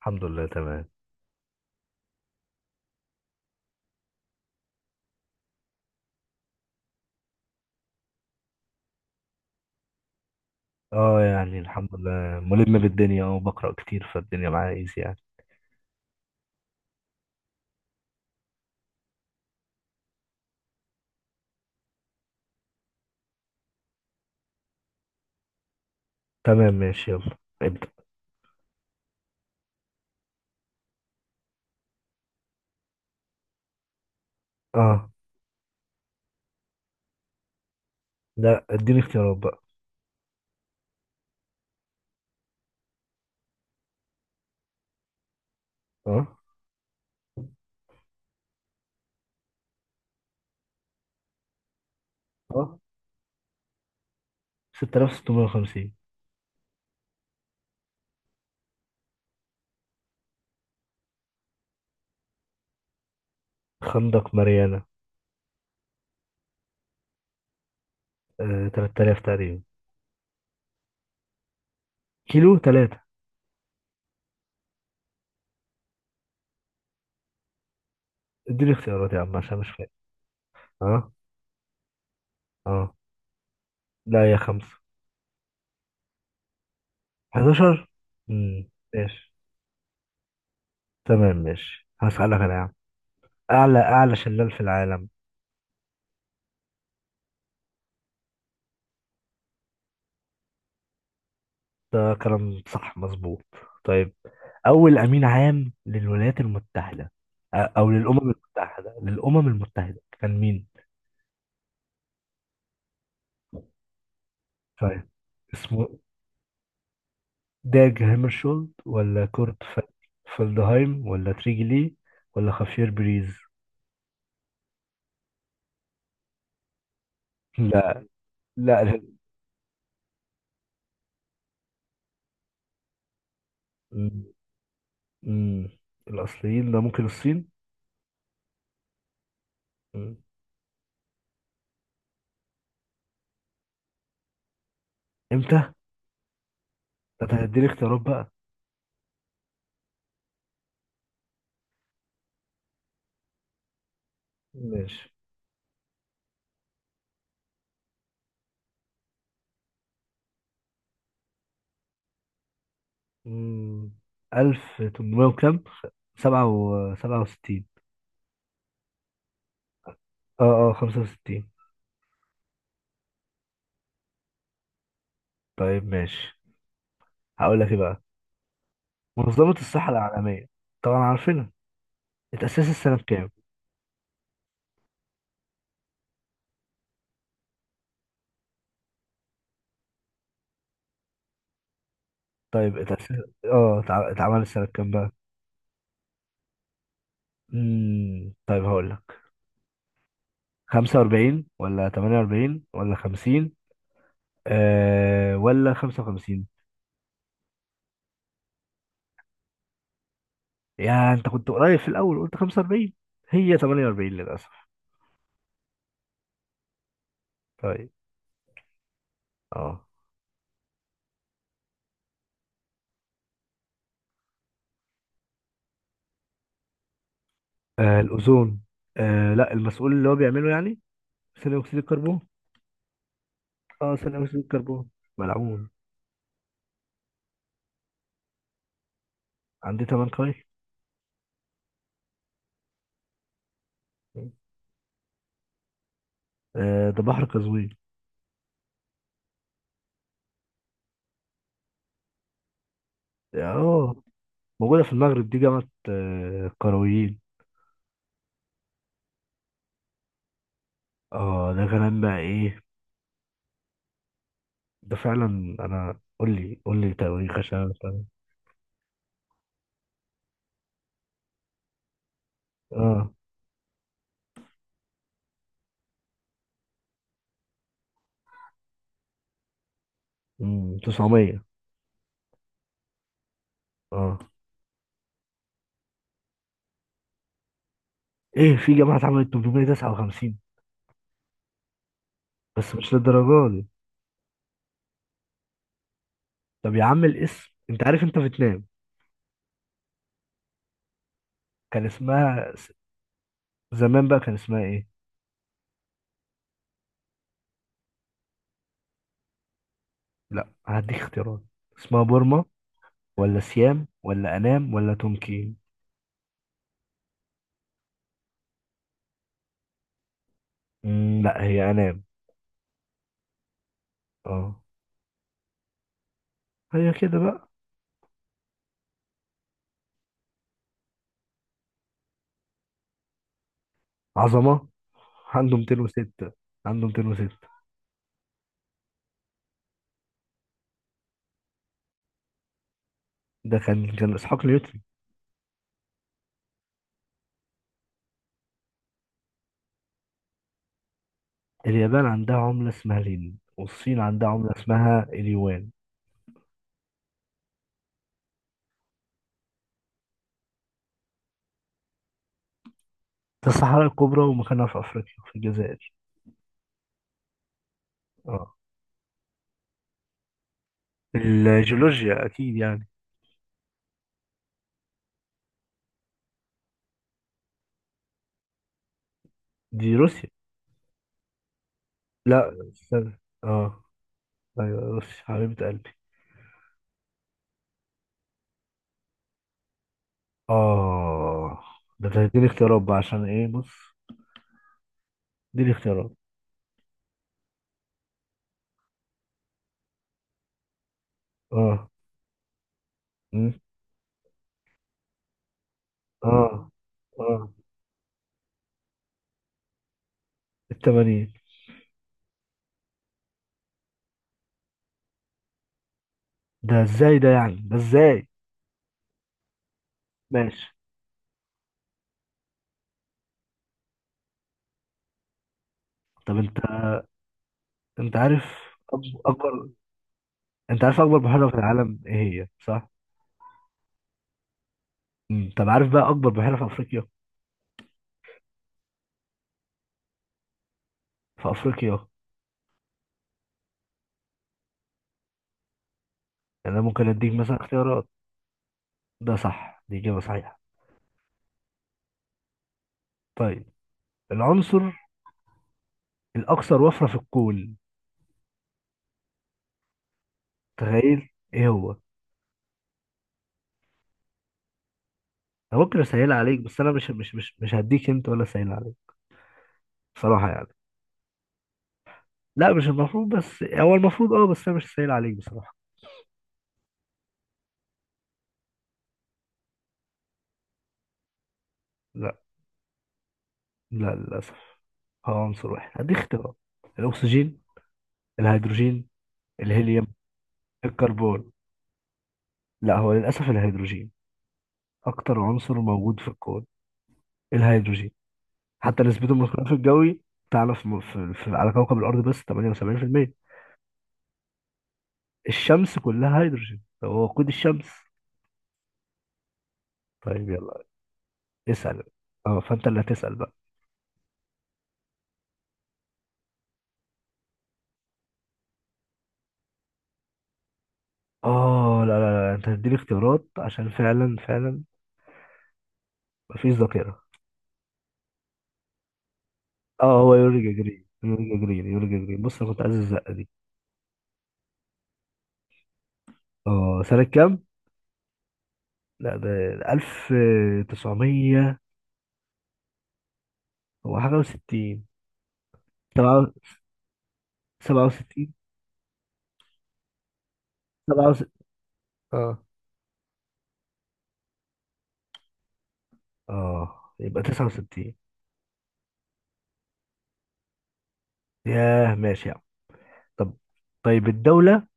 الحمد لله تمام. اه يعني الحمد لله ملم بالدنيا، بقرأ كتير، فالدنيا معايا ايزي يعني. تمام، ماشي، يلا ابدأ. اه لا، اديني اختيارات بقى. اه اه 6650. خندق ماريانا. 3000 تقريبا، كيلو 3. اديني اختيارات يا عم عشان مش فاهم. اه. اه لا، يا خمسة، 11. ماشي. تمام، ماشي، هسألك أنا يا عم. أعلى شلال في العالم. ده كلام صح مظبوط. طيب، أول أمين عام للولايات المتحدة، أو للأمم المتحدة كان مين؟ طيب، اسمه داج هامرشولد ولا كورت فلدهايم ولا تريجي لي ولا خافير بريز؟ لا، لا، م- م- الأصليين، ده ممكن الصين؟ م. إمتى؟ ده، أنت هتديني اختيارات بقى. ماشي. مم، 1800 وكام، 67. اه اه 65. طيب، ماشي، هقول لك ايه بقى. منظمة الصحة العالمية، طبعا عارفينها، اتأسست السنة بكام. طيب، اتأسست، اتعملت السنة بكام بقى. مم. طيب هقول لك، 45 ولا 48 ولا 50، ولا 55. يا انت، كنت قريب في الأول، قلت 45، هي 48 للأسف. طيب. اه الأوزون. لا، المسؤول اللي هو بيعمله يعني ثاني اكسيد الكربون. اه، ثاني اكسيد الكربون ملعون. عندي تمن قاي. ده بحر قزوين. اه، موجودة في المغرب، دي جامعة القرويين. اه، ده كلام بقى ايه. ده فعلا، انا قول لي قول لي تواريخ عشان أنا مش فاهم. اه 900. اه، ايه، في جامعة اتعملت 859؟ بس مش للدرجة دي. طب يا عم، الاسم، انت عارف انت فيتنام، كان اسمها زمان بقى كان اسمها ايه؟ لا، هديك اختيارات. اسمها بورما ولا سيام ولا أنام ولا تونكين؟ لا، هي أنام. اه، هي كده بقى. عظمة. عنده 206، عنده 206. ده كان إسحاق نيوتن. اليابان عندها عملة اسمها الين، والصين عندها عملة اسمها اليوان. ده الصحراء الكبرى، ومكانها في أفريقيا، في الجزائر. اه، الجيولوجيا أكيد يعني. دي روسيا. لا، استنى، اه. أيوة، روسيا حبيبة قلبي. اه، ده اديني اختيارات بقى، عشان ايه، بص، اديني اختيارات. اه اه اه التمانين. ده ازاي ده؟ يعني ده ازاي؟ ماشي. طب، انت انت عارف أكب- اكبر انت عارف اكبر بحيرة في العالم ايه هي، صح؟ مم. طب عارف بقى اكبر بحيرة في افريقيا، في افريقيا. يعني انا ممكن اديك مثلا اختيارات. ده صح، دي اجابة صحيحة. طيب، العنصر الاكثر وفرة في الكون، تخيل ايه هو. انا ممكن اسهلها عليك، بس انا مش هديك انت ولا اسهلها عليك. بصراحة يعني. لا، مش المفروض، بس هو المفروض، بس انا مش هسهل عليك بصراحة. لا، لا، للاسف، هو عنصر واحد، هديك اختيارات. الأكسجين، الهيدروجين، الهيليوم، الكربون. لا، هو للأسف الهيدروجين، أكتر عنصر موجود في الكون، الهيدروجين. حتى نسبته من الغلاف الجوي، تعرف، على كوكب الأرض بس 78%. الشمس كلها هيدروجين، هو وقود الشمس. طيب، يلا اسأل. اه فأنت اللي هتسأل بقى. اه لا، لا، لا، أنت هتديني اختيارات عشان فعلا، فعلا مفيش ذاكرة. اه هو يورجا جرين، يورجا جرين، يورجا جرين، بص أنا كنت عايز الزقة دي. اه، سنة كام؟ لا، ده 1900، هو حاجة وستين، سبعة، 67، 67، اه اه يبقى 69. ياه، ماشي يا عم. طب، طيب، الدولة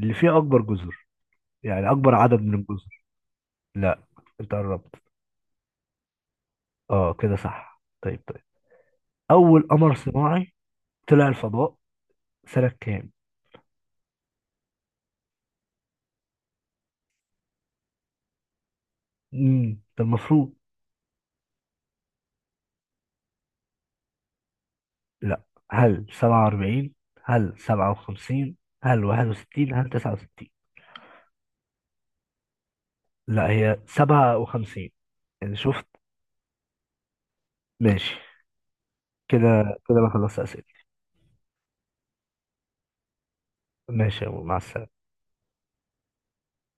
اللي فيها أكبر جزر، يعني أكبر عدد من الجزر. لا، أنت قربت. اه، كده صح. طيب، طيب، أول قمر صناعي طلع الفضاء سنة كام؟ امم ده المفروض. لا، هل 47، هل 57، هل 61، هل 69؟ لا، هي 57، يعني شفت. ماشي. كده كده انا خلصت اسئله. ماشي يا أبو، مع السلامه.